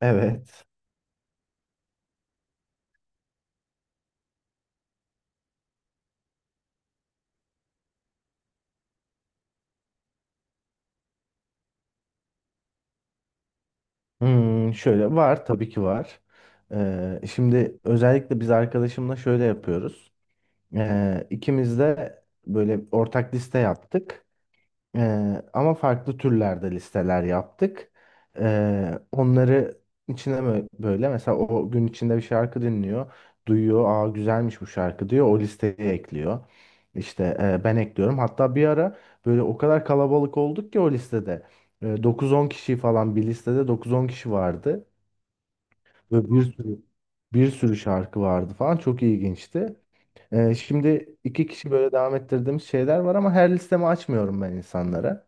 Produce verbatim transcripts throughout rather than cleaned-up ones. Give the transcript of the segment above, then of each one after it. Evet. Hmm, şöyle var tabii ki var. Ee, şimdi özellikle biz arkadaşımla şöyle yapıyoruz. Ee, ikimiz de böyle ortak liste yaptık. Ee, ama farklı türlerde listeler yaptık. Ee, onları içine bö- böyle mesela o gün içinde bir şarkı dinliyor. Duyuyor, aa güzelmiş bu şarkı diyor. O listeye ekliyor. İşte e, ben ekliyorum. Hatta bir ara böyle o kadar kalabalık olduk ki o listede. E, dokuz on kişi falan bir listede dokuz on kişi vardı. Ve bir sürü bir sürü şarkı vardı falan. Çok ilginçti. Ee, şimdi iki kişi böyle devam ettirdiğimiz şeyler var ama her listemi açmıyorum ben insanlara.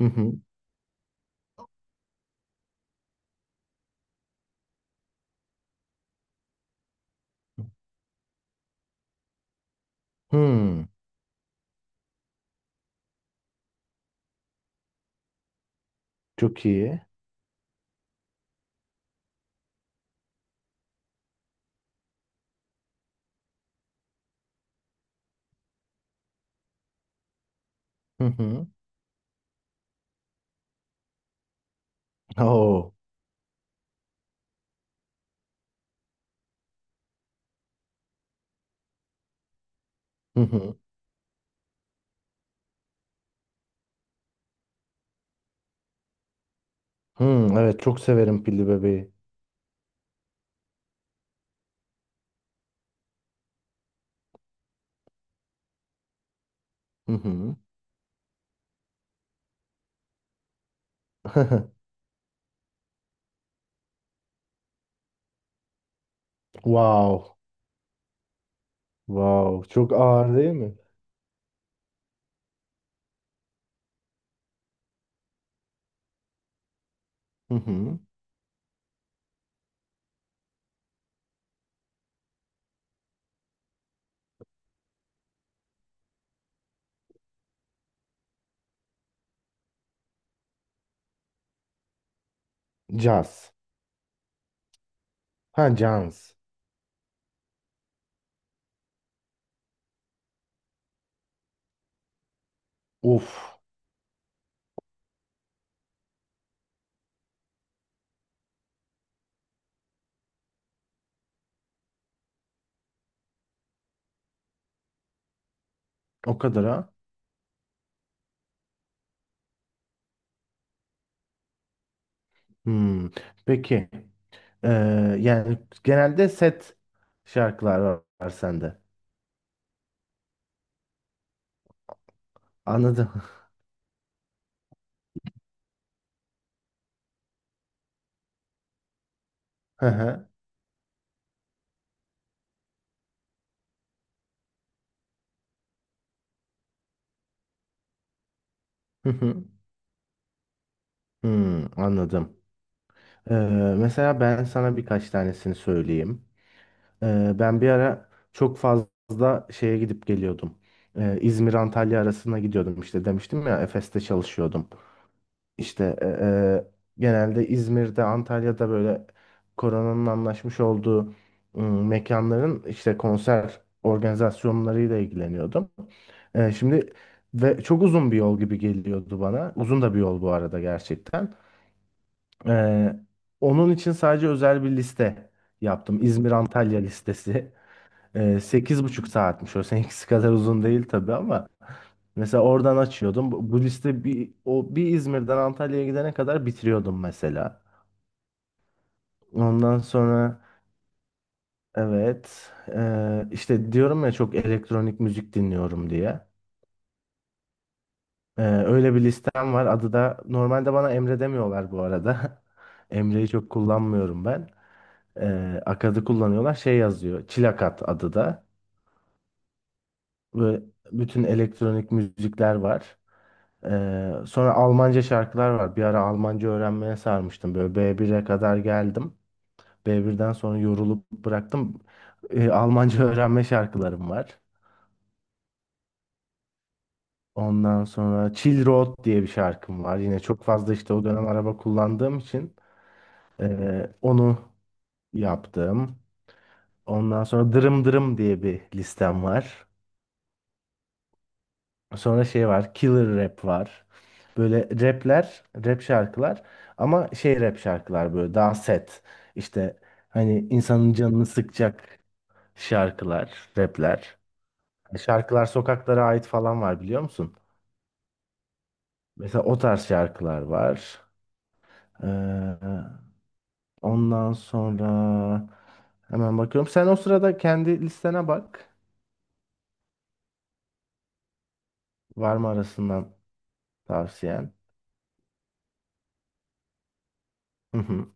Hı hı. Hmm, çok iyi. Hı hı. Oo. Hı hı. Hmm, evet çok severim pilli bebeği. Hı hı. Wow. Wow. Çok ağır değil mi? Hı hı. Caz. Ha caz. Uf. O kadar ha. Hmm. Peki. Ee, yani genelde set şarkılar var, var sende. Anladım. Hı hı. Hı hı. Hmm, anladım. Ee, mesela ben sana birkaç tanesini söyleyeyim. Ee, Ben bir ara çok fazla şeye gidip geliyordum. Ee, İzmir Antalya arasına gidiyordum, işte demiştim ya, Efes'te çalışıyordum. İşte e, e, genelde İzmir'de, Antalya'da böyle koronanın anlaşmış olduğu ım, mekanların işte konser organizasyonlarıyla ilgileniyordum. Ee, Şimdi ve çok uzun bir yol gibi geliyordu bana. Uzun da bir yol bu arada gerçekten. Ee, Onun için sadece özel bir liste yaptım. İzmir Antalya listesi. Ee, Sekiz buçuk saatmiş, o seninkisi kadar uzun değil tabii, ama mesela oradan açıyordum bu, bu liste bir o bir İzmir'den Antalya'ya gidene kadar bitiriyordum mesela. Ondan sonra evet, ee, işte diyorum ya, çok elektronik müzik dinliyorum diye. Ee, öyle bir listem var. Adı da, normalde bana Emre demiyorlar bu arada, Emre'yi çok kullanmıyorum ben. Ee, Akad'ı kullanıyorlar, şey yazıyor, Çilakat adı da. Böyle bütün elektronik müzikler var. Ee, sonra Almanca şarkılar var. Bir ara Almanca öğrenmeye sarmıştım. Böyle B bire kadar geldim. B birden sonra yorulup bıraktım. Ee, Almanca öğrenme şarkılarım var. Ondan sonra Chill Road diye bir şarkım var. Yine çok fazla işte o dönem araba kullandığım için ee, onu yaptım. Ondan sonra Dırım Dırım diye bir listem var. Sonra şey var, Killer rap var. Böyle rapler, rap şarkılar, ama şey, rap şarkılar böyle daha set. İşte hani insanın canını sıkacak şarkılar, rapler. Hani Şarkılar Sokaklara Ait falan var, biliyor musun? Mesela o tarz şarkılar var. Ee, ondan sonra hemen bakıyorum. Sen o sırada kendi listene bak. Var mı arasından tavsiyen? Hı hı.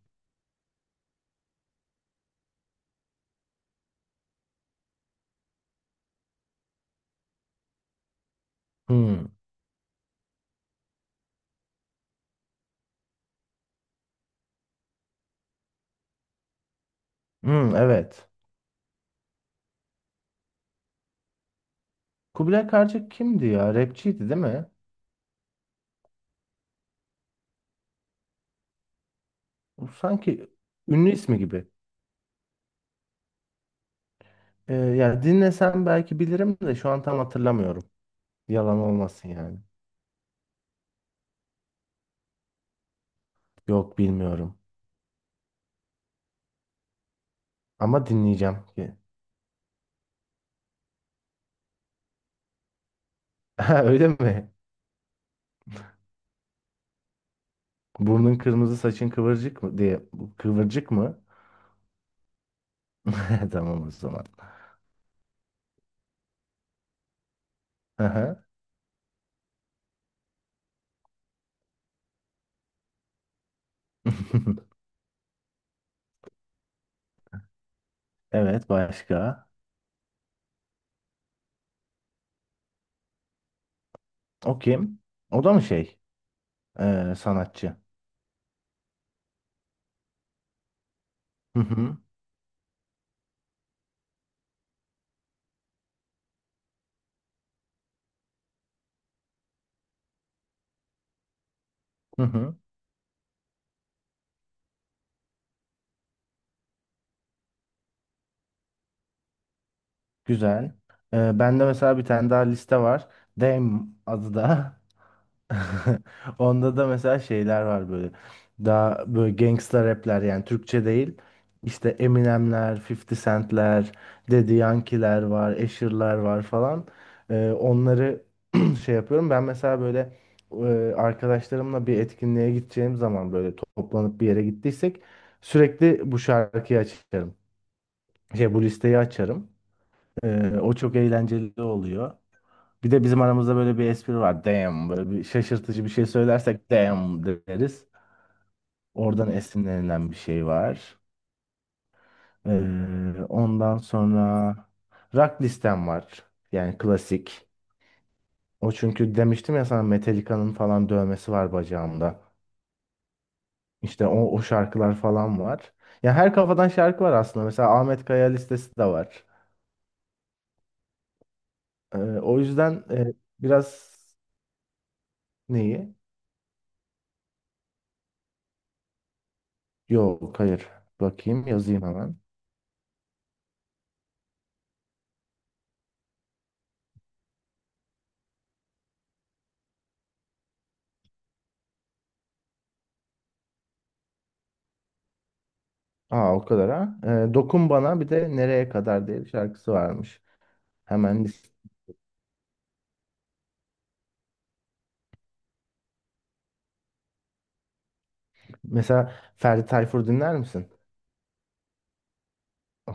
Hı. Hı, evet. Kubilay Karcık kimdi ya? Rapçiydi değil mi? Bu sanki ünlü ismi gibi. Ee, yani dinlesem belki bilirim de, şu an tam hatırlamıyorum. Yalan olmasın yani. Yok, bilmiyorum. Ama dinleyeceğim ki. Ha, öyle mi? Burnun kırmızı, saçın kıvırcık mı diye. Kıvırcık mı? Tamam o zaman. Aha. Evet, başka? O kim? O da mı şey, Ee, sanatçı? Hı hı. Hı hı. Güzel. Ee, bende mesela bir tane daha liste var. Dame adı da. Onda da mesela şeyler var böyle. Daha böyle gangsta rapler, yani Türkçe değil. İşte Eminemler, fifty Cent'ler, Daddy Yankee'ler var, Asher'lar var falan. Ee, onları şey yapıyorum. Ben mesela böyle e, arkadaşlarımla bir etkinliğe gideceğim zaman, böyle toplanıp bir yere gittiysek, sürekli bu şarkıyı açarım. Şey, bu listeyi açarım. Ee, o çok eğlenceli oluyor. Bir de bizim aramızda böyle bir espri var. Damn, böyle bir şaşırtıcı bir şey söylersek damn deriz. Oradan esinlenilen bir şey var. Ee, ondan sonra rock listem var. Yani klasik. O çünkü, demiştim ya sana, Metallica'nın falan dövmesi var bacağımda. İşte o, o şarkılar falan var. Ya, her kafadan şarkı var aslında. Mesela Ahmet Kaya listesi de var. Ee, o yüzden e, biraz. Neyi? Yok, hayır. Bakayım, yazayım hemen. Aa, o kadar ha. Ee, Dokun Bana, bir de Nereye Kadar diye bir şarkısı varmış. Hemen list- mesela Ferdi Tayfur dinler misin?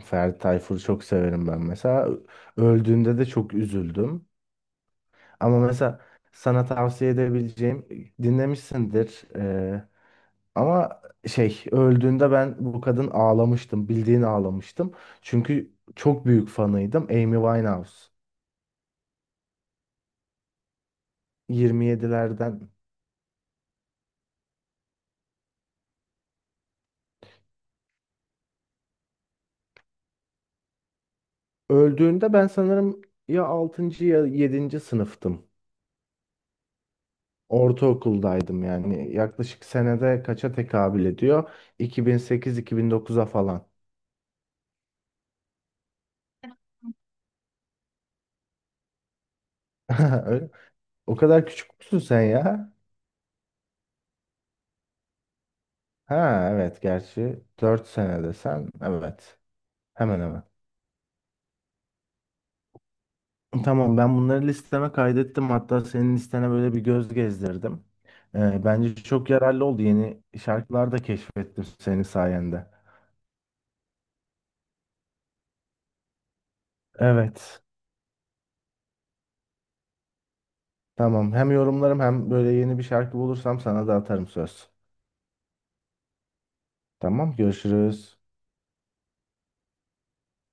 Ferdi Tayfur'u çok severim ben mesela. Ö- Öldüğünde de çok üzüldüm. Ama mesela sana tavsiye edebileceğim, dinlemişsindir. Ee, ama şey, öldüğünde ben bu kadın ağlamıştım. Bildiğin ağlamıştım. Çünkü çok büyük fanıydım. Amy Winehouse. yirmi yedilerden. Öldüğünde ben sanırım ya altıncı ya yedinci sınıftım. Ortaokuldaydım yani. Yaklaşık senede kaça tekabül ediyor? iki bin sekiz iki bin dokuza falan. Öyle- O kadar küçük müsün sen ya? Ha evet, gerçi dört senede sen. Evet. Hemen hemen. Tamam, ben bunları listeme kaydettim. Hatta senin listene böyle bir göz gezdirdim. Ee, bence çok yararlı oldu. Yeni şarkılar da keşfettim senin sayende. Evet. Tamam. Hem yorumlarım, hem böyle yeni bir şarkı bulursam sana da atarım, söz. Tamam. Görüşürüz.